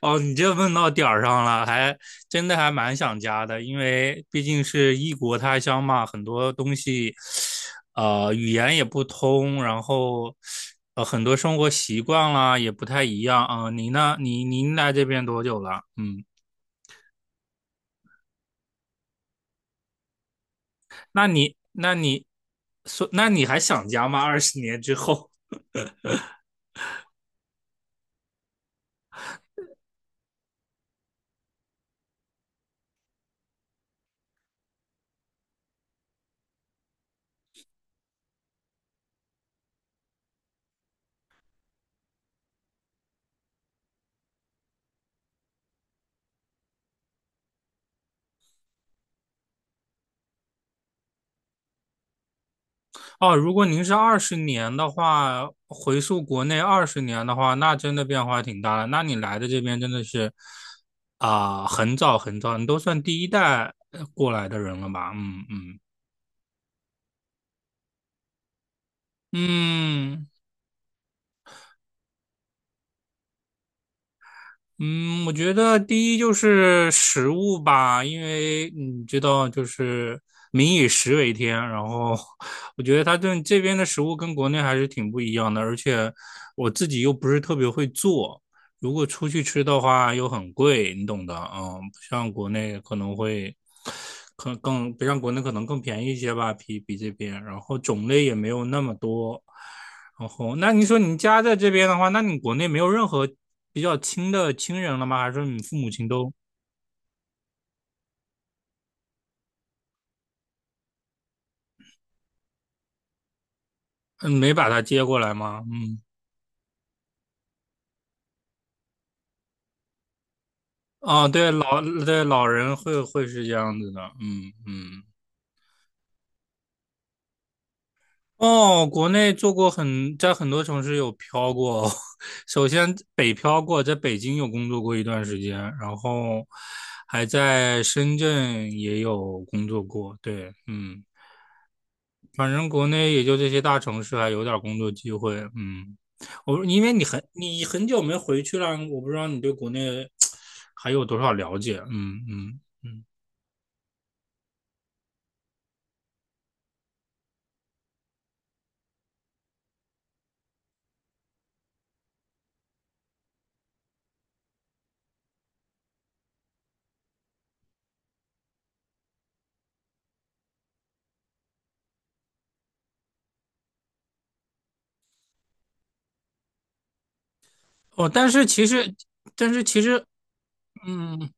哦，你这问到点儿上了，还真的还蛮想家的，因为毕竟是异国他乡嘛，很多东西，语言也不通，然后很多生活习惯啦也不太一样啊。你呢？你您来这边多久了？嗯，那你说，那你还想家吗？二十年之后？哦，如果您是二十年的话，回溯国内二十年的话，那真的变化挺大的。那你来的这边真的是啊、很早很早，你都算第一代过来的人了吧？嗯嗯嗯。嗯，我觉得第一就是食物吧，因为你知道，就是民以食为天。然后，我觉得它这边的食物跟国内还是挺不一样的，而且我自己又不是特别会做，如果出去吃的话又很贵，你懂的。嗯，不像国内可能会，可能更不像国内可能更便宜一些吧，比这边。然后种类也没有那么多。然后，那你说你家在这边的话，那你国内没有任何比较亲的亲人了吗？还是你父母亲都嗯没把他接过来吗？嗯，哦，对，老人会是这样子的，嗯嗯。哦，国内做过很，在很多城市有漂过。首先北漂过，在北京有工作过一段时间，然后还在深圳也有工作过。对，嗯。反正国内也就这些大城市还有点工作机会，嗯，我因为你很久没回去了，我不知道你对国内还有多少了解，嗯嗯嗯，哦，但是其实，嗯，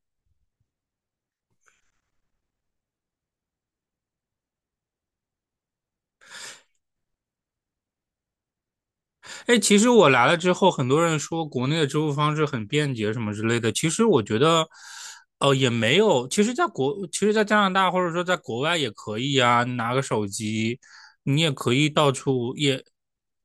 哎，其实我来了之后，很多人说国内的支付方式很便捷什么之类的。其实我觉得，哦，也没有。其实，其实，在加拿大或者说在国外也可以啊，你拿个手机，你也可以到处，也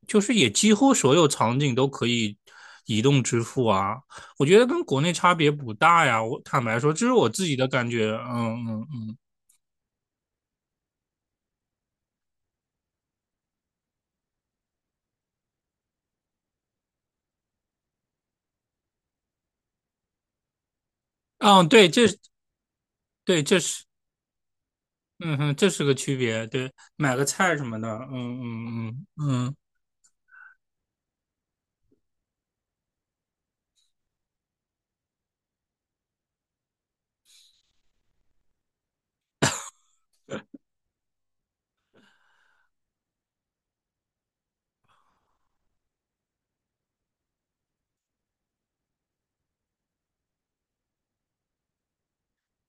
就是也几乎所有场景都可以移动支付啊。我觉得跟国内差别不大呀。我坦白说，这是我自己的感觉。嗯嗯嗯，嗯，对，这是对，这是，嗯哼，这是个区别。对，买个菜什么的，嗯嗯嗯嗯。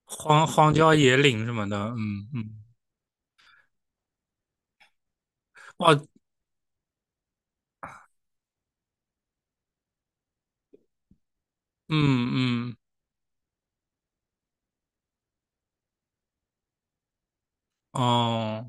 荒荒郊野岭什么的，嗯嗯，哦，嗯嗯，哦，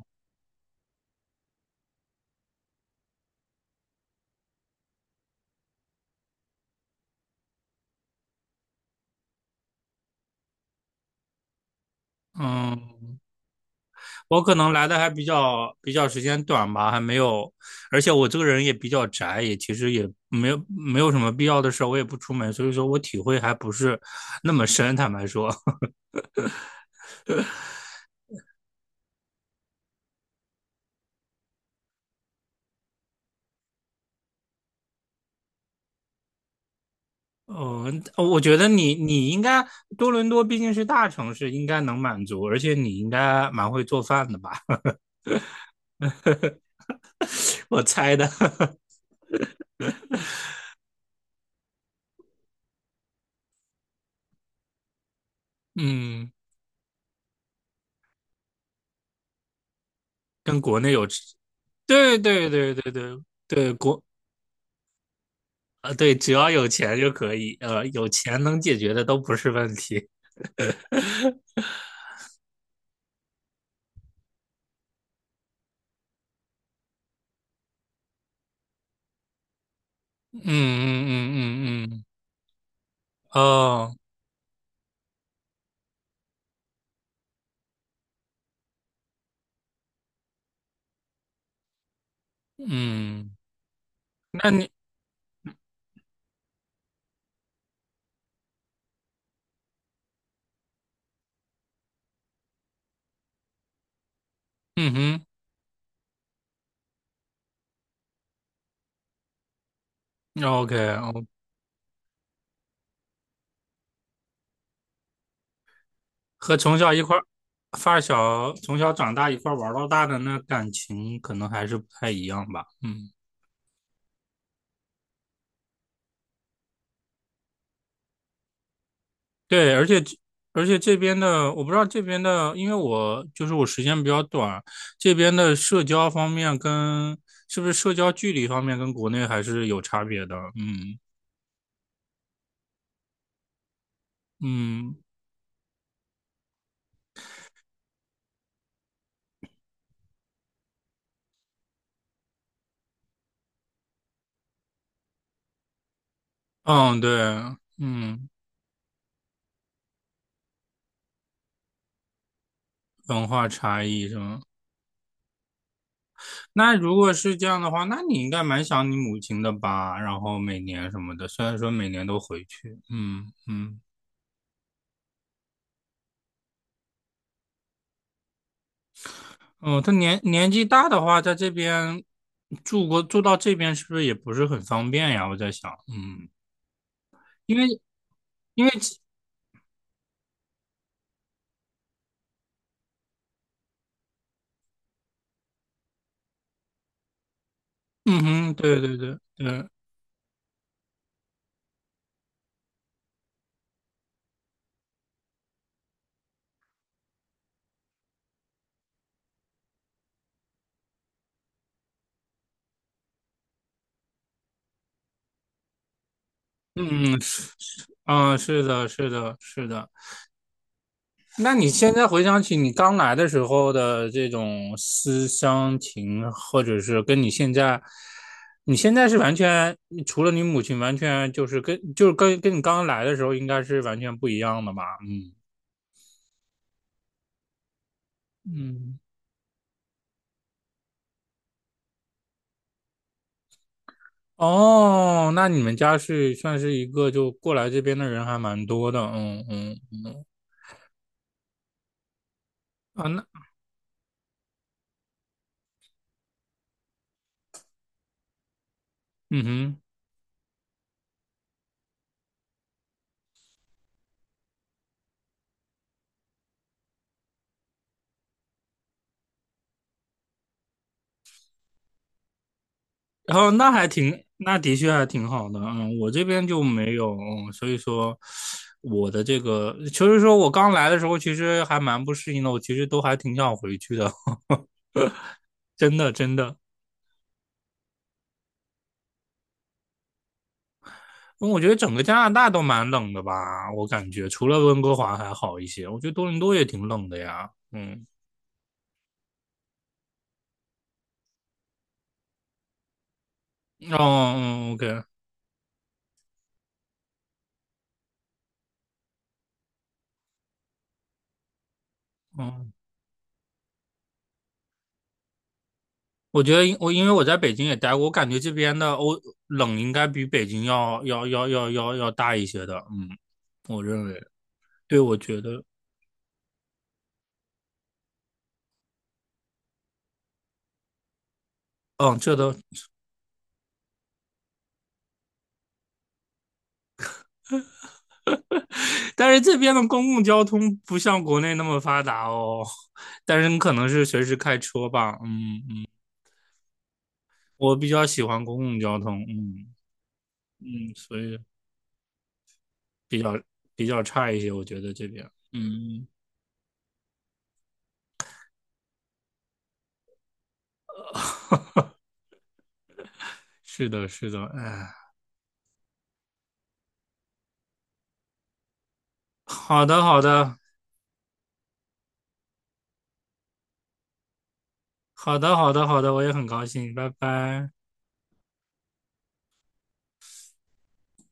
嗯，我可能来的还比较时间短吧，还没有，而且我这个人也比较宅，也其实也没有什么必要的事儿，我也不出门，所以说我体会还不是那么深，坦白说，嗯，我觉得你应该多伦多毕竟是大城市，应该能满足，而且你应该蛮会做饭的吧，我猜的，嗯，跟国内有对对对对对对，国啊，对，只要有钱就可以，有钱能解决的都不是问题。嗯嗯嗯嗯嗯，哦，嗯，那你，嗯哼，OK，那，OK，哦，和从小一块儿发小，从小长大一块儿玩儿到大的那感情，可能还是不太一样吧。嗯。对，而且这边的，我不知道这边的，因为我就是我时间比较短，这边的社交方面跟是不是社交距离方面跟国内还是有差别的，嗯嗯嗯，对，嗯，文化差异是吗？那如果是这样的话，那你应该蛮想你母亲的吧？然后每年什么的，虽然说每年都回去，嗯嗯。哦，他年纪大的话，在这边住到这边是不是也不是很方便呀？我在想，嗯，因为因为嗯哼，对对对对，嗯是是啊，是的，是的，是的。那你现在回想起你刚来的时候的这种思乡情，或者是跟你现在，你现在是完全除了你母亲，完全就是跟你刚来的时候应该是完全不一样的吧？嗯哦，那你们家是算是一个就过来这边的人还蛮多的，嗯嗯嗯，啊那嗯哼，然后那还挺，那的确还挺好的，嗯，我这边就没有，嗯所以说我的这个就是说我刚来的时候其实还蛮不适应的，我其实都还挺想回去的，真的真的，因为我觉得整个加拿大都蛮冷的吧，我感觉除了温哥华还好一些，我觉得多伦多也挺冷的呀，嗯，哦嗯嗯，OK。嗯。我觉得因为我在北京也待过，我感觉这边的欧冷应该比北京要大一些的，嗯，我认为，对，我觉得，嗯，这都，但是这边的公共交通不像国内那么发达哦，但是你可能是随时开车吧，嗯，嗯我比较喜欢公共交通，嗯嗯，所以比较比较差一些，我觉得这边，嗯，是的，是的，哎，好的，好的，好的，好的，好的，我也很高兴，拜拜。